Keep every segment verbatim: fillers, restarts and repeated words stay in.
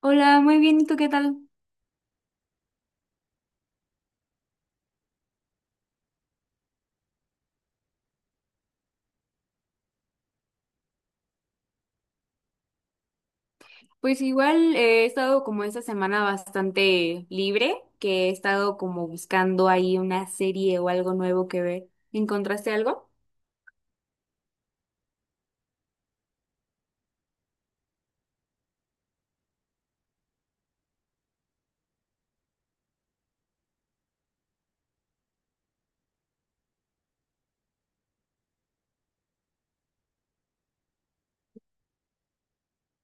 Hola, muy bien, ¿y tú qué tal? Pues igual eh, he estado como esta semana bastante libre, que he estado como buscando ahí una serie o algo nuevo que ver. ¿Encontraste algo?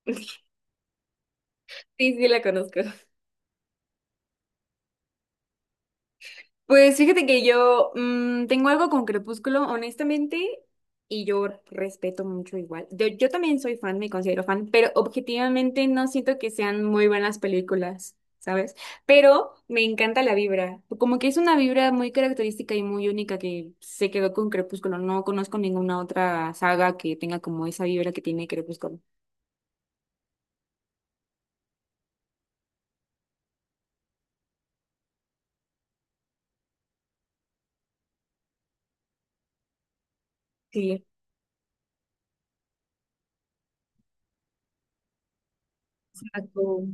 Sí, sí, la conozco. Pues fíjate que yo mm, tengo algo con Crepúsculo, honestamente, y yo respeto mucho igual. Yo, yo también soy fan, me considero fan, pero objetivamente no siento que sean muy buenas películas, ¿sabes? Pero me encanta la vibra, como que es una vibra muy característica y muy única que se quedó con Crepúsculo. No conozco ninguna otra saga que tenga como esa vibra que tiene Crepúsculo. Sí, exacto.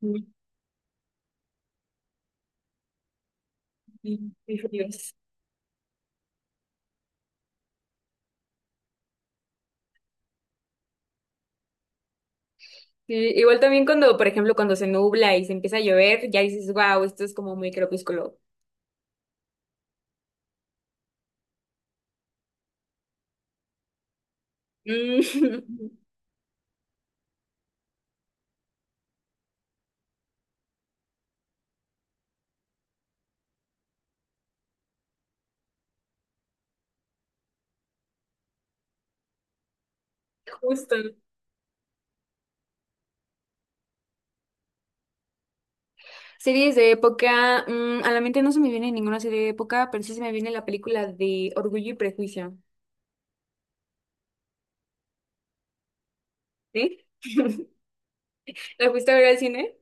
Muy- muy- Muy fríos. Sí, igual también cuando, por ejemplo, cuando se nubla y se empieza a llover, ya dices, wow, esto es como muy crepúsculo. Mm, justo. Series de época, mm, a la mente no se me viene ninguna serie de época, pero sí se me viene la película de Orgullo y Prejuicio. ¿Sí? ¿La fuiste a ver al cine?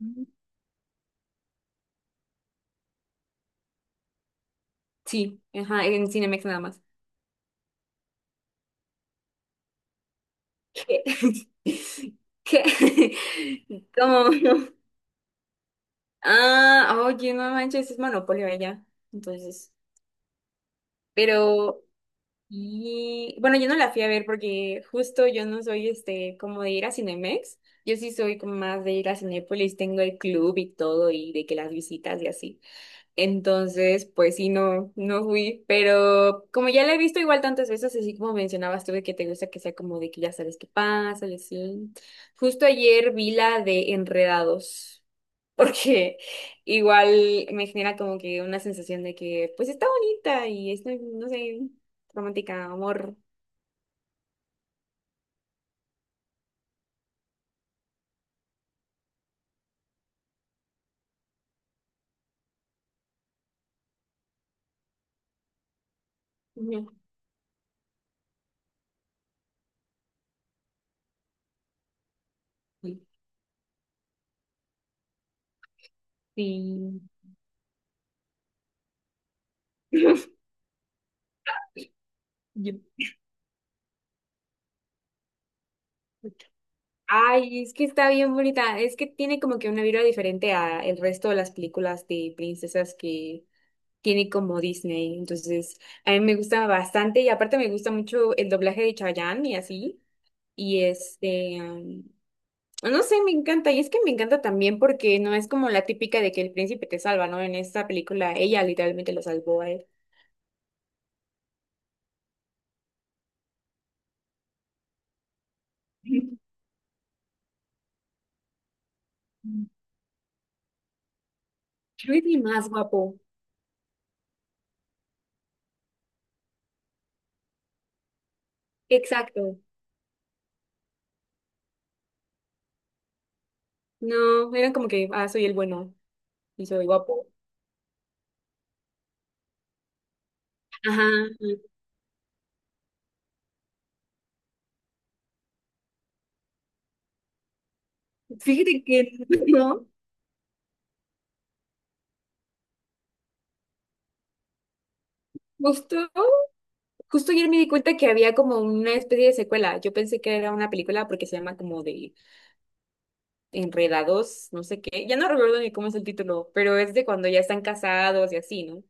Ujú. Sí, ajá, en Cinemex nada más. ¿Qué? ¿Qué? ¿Cómo? Ah, oye, no manches, es monopolio allá. Entonces, pero y bueno, yo no la fui a ver porque justo yo no soy este como de ir a Cinemex. Yo sí soy como más de ir a Cinépolis, tengo el club y todo y de que las visitas y así. Entonces, pues sí, no, no fui, pero como ya la he visto igual tantas veces, así como mencionabas tú de que te gusta que sea como de que ya sabes qué pasa y así. Justo ayer vi la de Enredados porque igual me genera como que una sensación de que pues está bonita y es, no sé, romántica, amor. Ujú. Sí. Yo- ay, es que está bien bonita. Es que tiene como que una vibra diferente a el resto de las películas de princesas que tiene como Disney. Entonces, a mí me gusta bastante y aparte me gusta mucho el doblaje de Chayanne y así. Y este, no sé, me encanta. Y es que me encanta también porque no es como la típica de que el príncipe te salva, ¿no? En esta película ella literalmente lo salvó a él. Really más guapo. Exacto. No, eran como que, ah, soy el bueno y soy guapo. Ajá. Fíjate que no, justo, justo ayer me di cuenta que había como una especie de secuela. Yo pensé que era una película porque se llama como de Enredados, no sé qué. Ya no recuerdo ni cómo es el título, pero es de cuando ya están casados y así, ¿no?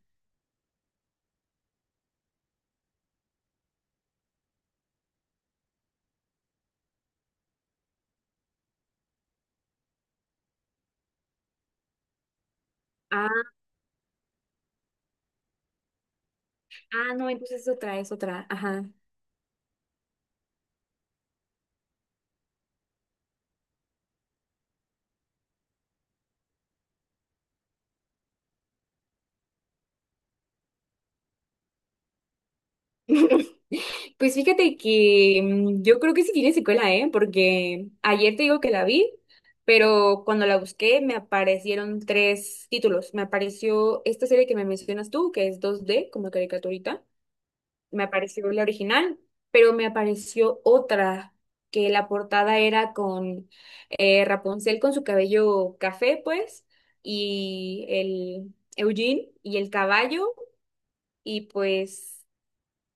Ah, no, entonces es otra, es otra. Ajá. Pues fíjate que mm, yo creo que sí tiene secuela, ¿eh? Porque ayer te digo que la vi, pero cuando la busqué me aparecieron tres títulos. Me apareció esta serie que me mencionas tú, que es dos d como caricaturita. Me apareció la original, pero me apareció otra, que la portada era con eh, Rapunzel con su cabello café, pues, y el Eugene y el caballo. Y pues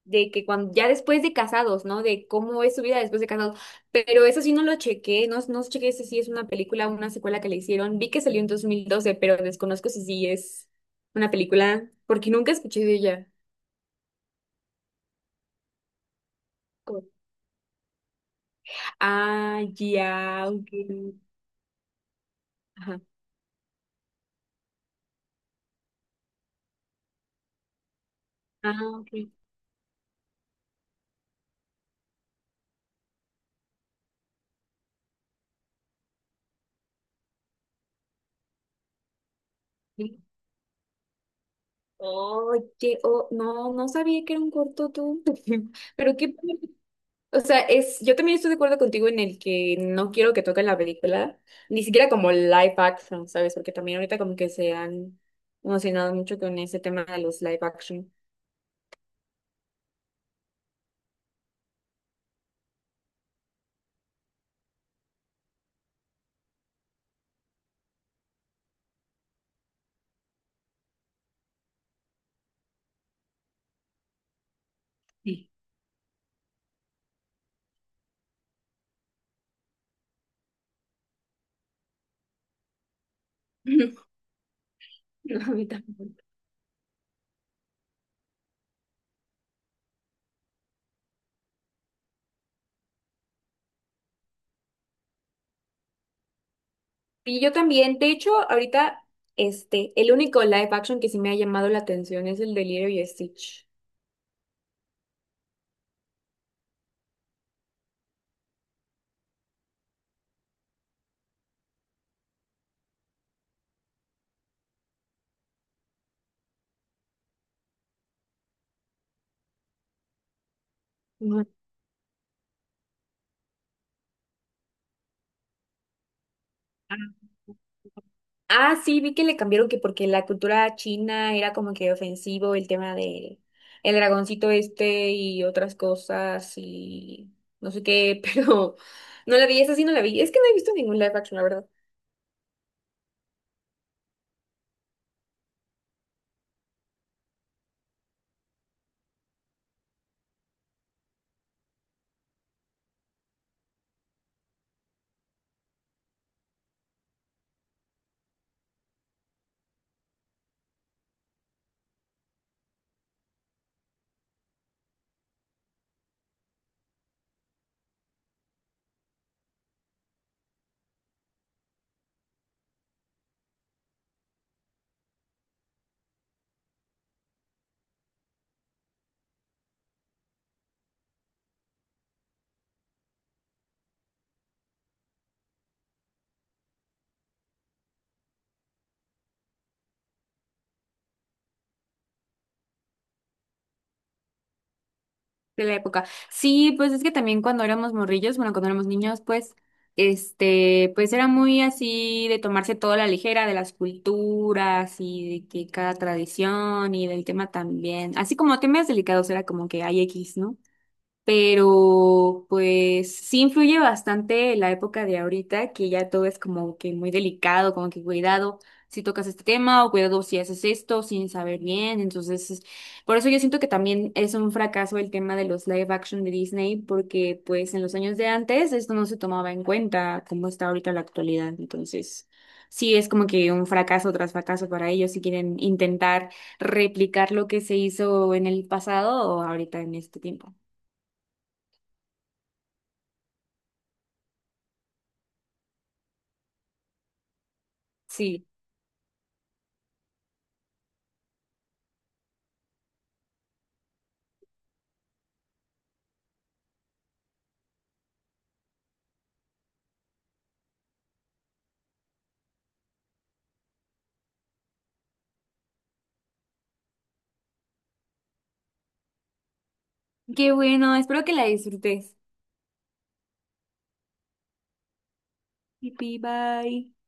de que cuando ya después de casados, ¿no? De cómo es su vida después de casados. Pero eso sí no lo chequé, no, no chequé si sí es una película o una secuela que le hicieron. Vi que salió en dos mil doce pero desconozco si sí es una película porque nunca escuché de ella. Como, ah, ya, ok. Ajá. Ah, ok. Sí. Oye, oh, no, no sabía que era un corto tú. Pero qué, o sea, es, yo también estoy de acuerdo contigo en el que no quiero que toquen la película, ni siquiera como live action, ¿sabes? Porque también ahorita como que se han emocionado mucho con ese tema de los live action. Sí. No, a mí tampoco. Y yo también, de hecho, ahorita, este, el único live action que sí me ha llamado la atención es el de Lilo y Stitch. Ah, ah, sí, vi que le cambiaron que porque la cultura china era como que ofensivo el tema de el dragoncito este y otras cosas y no sé qué, pero no la vi, esa sí no la vi. Es que no he visto ningún live action, la verdad. De la época. Sí, pues es que también cuando éramos morrillos, bueno, cuando éramos niños, pues, este, pues era muy así de tomarse toda la ligera de las culturas y de que cada tradición y del tema también, así como temas delicados era como que hay X, ¿no? Pero pues sí influye bastante la época de ahorita, que ya todo es como que muy delicado, como que cuidado si tocas este tema o cuidado si haces esto sin saber bien, entonces es- por eso yo siento que también es un fracaso el tema de los live action de Disney, porque pues en los años de antes esto no se tomaba en cuenta como está ahorita la actualidad, entonces sí es como que un fracaso tras fracaso para ellos si quieren intentar replicar lo que se hizo en el pasado o ahorita en este tiempo. Sí. Qué bueno, espero que la disfrutes. Pi, bye.